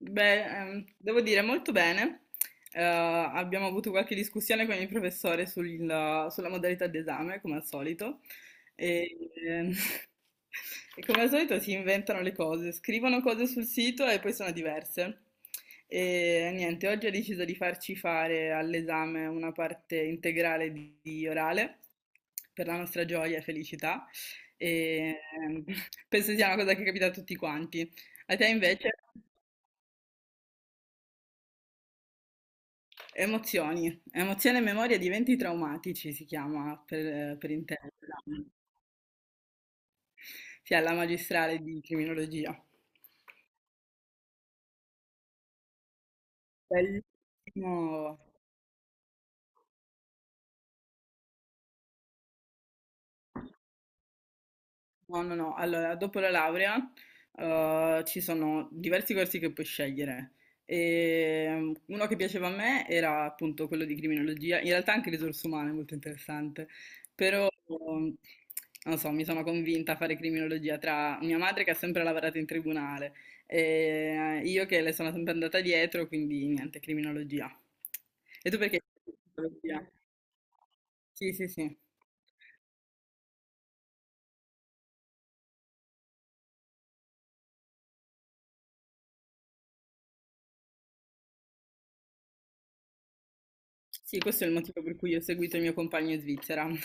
Beh, devo dire molto bene. Abbiamo avuto qualche discussione con il professore sulla modalità d'esame, come al solito. E, ehm, e come al solito si inventano le cose, scrivono cose sul sito e poi sono diverse. E niente, oggi ha deciso di farci fare all'esame una parte integrale di orale, per la nostra gioia e felicità. E ehm, penso sia una cosa che capita a tutti quanti. A te invece? Emozioni, emozione e memoria di eventi traumatici si chiama per intero. Sì, alla magistrale di criminologia. Bellissimo. No, no, no. Allora, dopo la laurea, ci sono diversi corsi che puoi scegliere. E, uno che piaceva a me era appunto quello di criminologia, in realtà anche risorse umane, molto interessante, però non so, mi sono convinta a fare criminologia tra mia madre che ha sempre lavorato in tribunale e io che le sono sempre andata dietro, quindi niente, criminologia. E tu perché? Criminologia. Sì, sì, sì. Sì, questo è il motivo per cui ho seguito il mio compagno in Svizzera.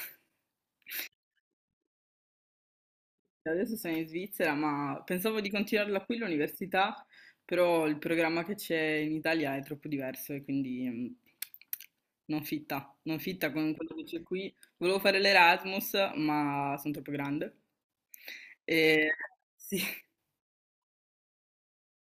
Adesso sono in Svizzera, ma pensavo di continuarla qui l'università, però il programma che c'è in Italia è troppo diverso e quindi non fitta con quello che c'è qui. Volevo fare l'Erasmus, ma sono troppo grande. E, sì.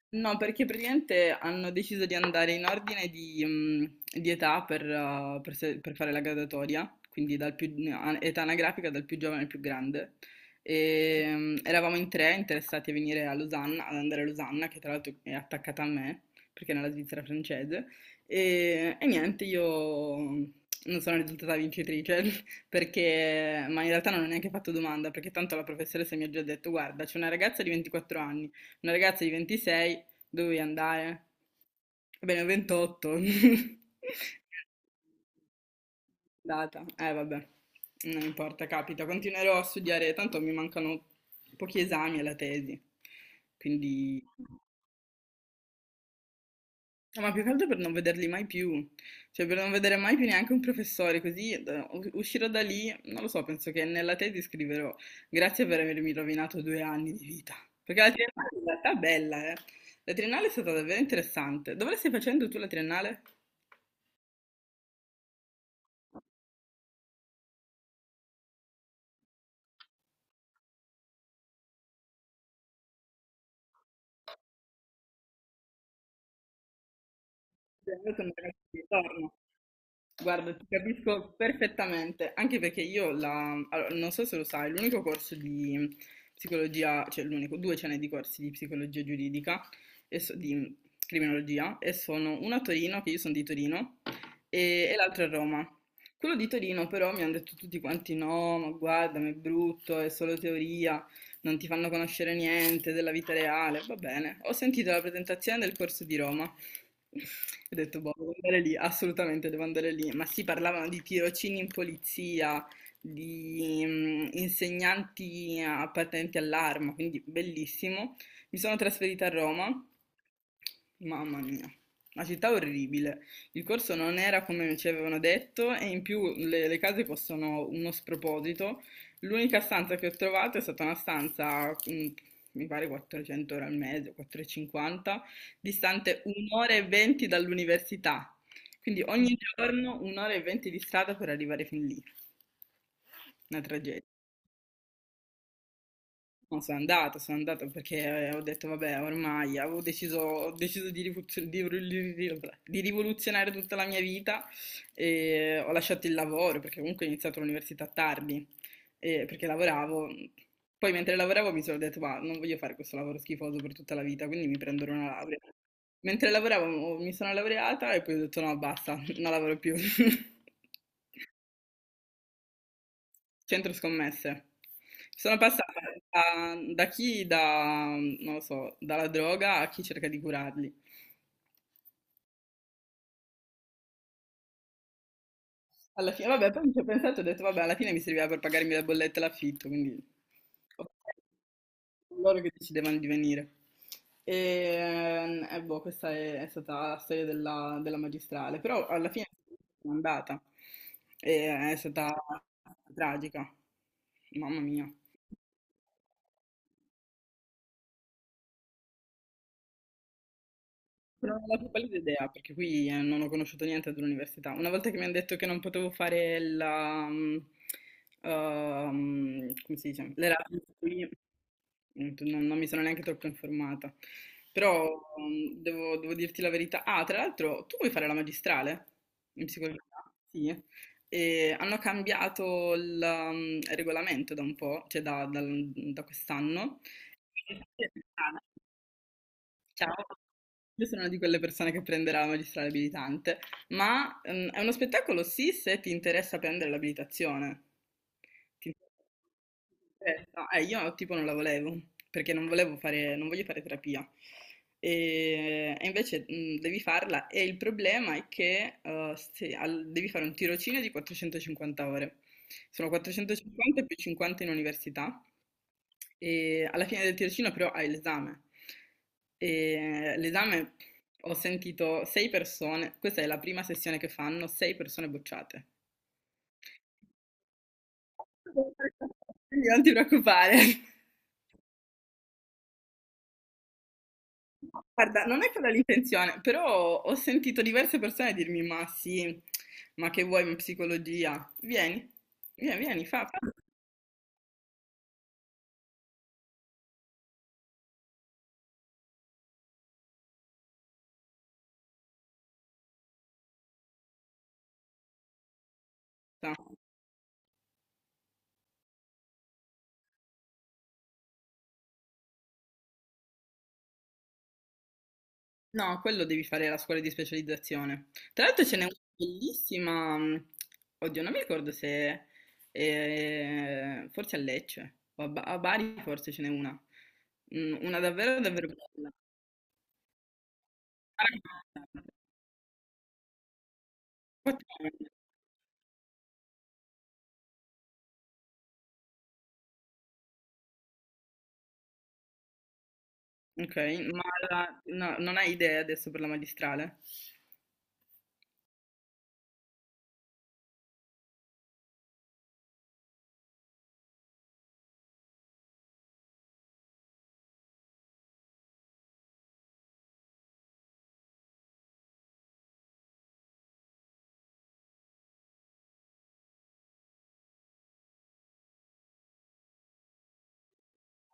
No, perché praticamente hanno deciso di andare in ordine di età per se- per fare la graduatoria, quindi dal più, età anagrafica dal più giovane al più grande. Eravamo in tre interessati a venire a Losanna, ad andare a Losanna, che tra l'altro è attaccata a me, perché è nella Svizzera francese. E niente, io non sono risultata vincitrice, ma in realtà non ho neanche fatto domanda, perché tanto la professoressa mi ha già detto, guarda, c'è una ragazza di 24 anni, una ragazza di 26. Dovevi andare. Va bene, 28. Data. Vabbè. Non importa, capita. Continuerò a studiare, tanto mi mancano pochi esami alla tesi. Quindi. No, ma più che altro per non vederli mai più, cioè per non vedere mai più neanche un professore, così uscirò da lì, non lo so, penso che nella tesi scriverò grazie per avermi rovinato 2 anni di vita, perché la triennale in realtà è bella, eh. La triennale è stata davvero interessante. Dove la stai facendo tu la triennale? Quando era di ritorno. Guarda, ti capisco perfettamente, anche perché io allora, non so se lo sai, l'unico corso di psicologia, cioè l'unico, due ce n'è di corsi di psicologia giuridica e di criminologia e sono uno a Torino, che io sono di Torino, e l'altro a Roma. Quello di Torino però mi hanno detto tutti quanti no, ma guarda, ma è brutto, è solo teoria, non ti fanno conoscere niente della vita reale. Va bene, ho sentito la presentazione del corso di Roma. Ho detto, boh, devo andare lì, assolutamente devo andare lì. Ma sì, parlavano di tirocini in polizia, di insegnanti appartenenti all'arma, quindi bellissimo. Mi sono trasferita a Roma, mamma mia, una città orribile. Il corso non era come ci avevano detto e in più le case costano uno sproposito. L'unica stanza che ho trovato è stata una stanza, mi pare 400 euro al mese, 450, distante un'ora e venti dall'università. Quindi ogni giorno un'ora e venti di strada per arrivare fin lì. Una tragedia. No, sono andata perché ho detto vabbè, ormai avevo deciso, ho deciso di, rivoluzio- di rivoluzionare tutta la mia vita e ho lasciato il lavoro perché comunque ho iniziato l'università tardi e perché lavoravo. Poi mentre lavoravo mi sono detto ma non voglio fare questo lavoro schifoso per tutta la vita, quindi mi prendo una laurea. Mentre lavoravo mi sono laureata e poi ho detto no, basta, non lavoro più. Centro scommesse. Sono passata da chi da, non lo so, dalla droga a chi cerca di curarli. Alla fine, vabbè, poi mi ci ho pensato e ho detto, vabbè, alla fine mi serviva per pagarmi la bolletta e l'affitto, quindi ho pensato a loro che decidevano di venire. Boh, questa è stata la storia della magistrale, però alla fine sono andata e è stata tragica, mamma mia. Non ho la più pallida idea, perché qui non ho conosciuto niente dell'università. Una volta che mi hanno detto che non potevo fare come si dice? L'Erasmus qui, non mi sono neanche troppo informata. Però devo dirti la verità. Ah, tra l'altro, tu vuoi fare la magistrale in psicologia? Sì. E hanno cambiato il regolamento da un po', cioè da quest'anno. Ciao. Io sono una di quelle persone che prenderà la magistrale abilitante, ma è uno spettacolo sì se ti interessa prendere l'abilitazione. Ti interessa? Io tipo non la volevo, perché non volevo fare, non voglio fare terapia. E invece devi farla e il problema è che se al- devi fare un tirocinio di 450 ore. Sono 450 più 50 in università e alla fine del tirocinio però hai l'esame. E l'esame ho sentito sei persone, questa è la prima sessione che fanno, sei persone bocciate. Quindi non ti preoccupare. Guarda, non è quella l'intenzione, però ho sentito diverse persone dirmi: ma sì, ma che vuoi in psicologia? Vieni, vieni, vieni, fa, fa. No, quello devi fare la scuola di specializzazione. Tra l'altro ce n'è una bellissima, oddio, non mi ricordo se forse a Lecce o a Bari forse ce n'è una. Mm. Una davvero davvero bella. Aragonata. 4 anni. Ok, ma no, non hai idee adesso per la magistrale?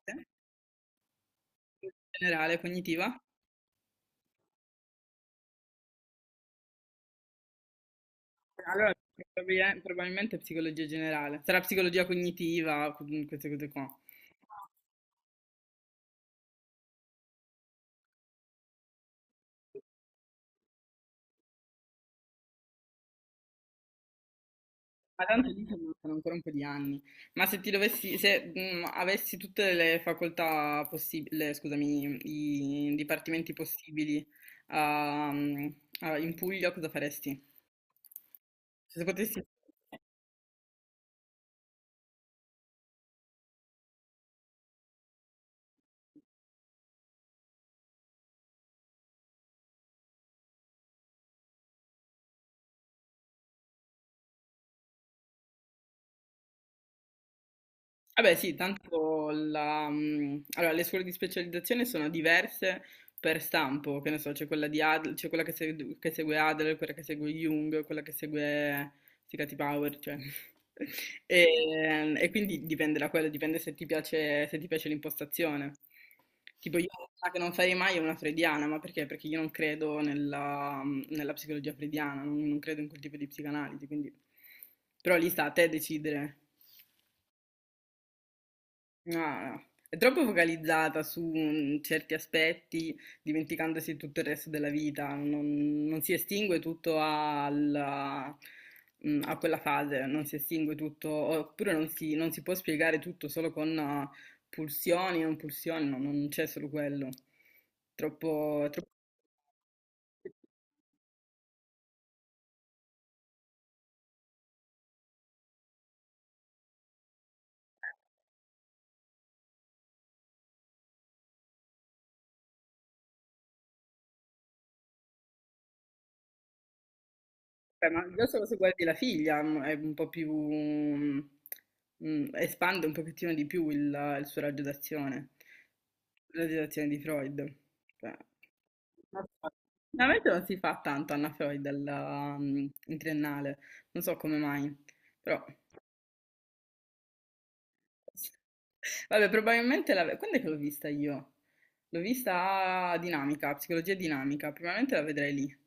Eh? Generale, cognitiva? Allora, probabilmente psicologia generale. Sarà psicologia cognitiva, queste cose qua. Ma tanto lì ci mancano ancora un po' di anni. Ma se ti dovessi, se avessi tutte le facoltà possibili, scusami, i dipartimenti possibili ah, mm, in Puglia, cosa faresti? Se potessi. Vabbè sì, tanto allora, le scuole di specializzazione sono diverse per stampo, che ne so, c'è quella di Adler, c'è quella che segue Adler, quella che segue Jung, quella che segue Sicati Power, cioè. E, e quindi dipende da quello, dipende se ti piace, se ti piace l'impostazione. Tipo io una che non farei mai è una freudiana, ma perché? Perché io non credo nella psicologia freudiana, non credo in quel tipo di psicanalisi, quindi. Però lì sta a te decidere. No, no. È troppo focalizzata su certi aspetti, dimenticandosi tutto il resto della vita, non si estingue tutto a quella fase, non si estingue tutto, oppure non si può spiegare tutto solo con pulsioni, non pulsioni, no, non c'è solo quello. Troppo, è troppo. Beh, ma già solo se guardi la figlia è un po' più, espande un pochettino di più il suo raggio d'azione, la raggio d'azione di Freud. Cioè, non so. Veramente non si fa tanto Anna Freud in triennale, non so come mai, però vabbè, probabilmente quando è che l'ho vista io? L'ho vista a dinamica, psicologia dinamica, probabilmente la vedrei lì.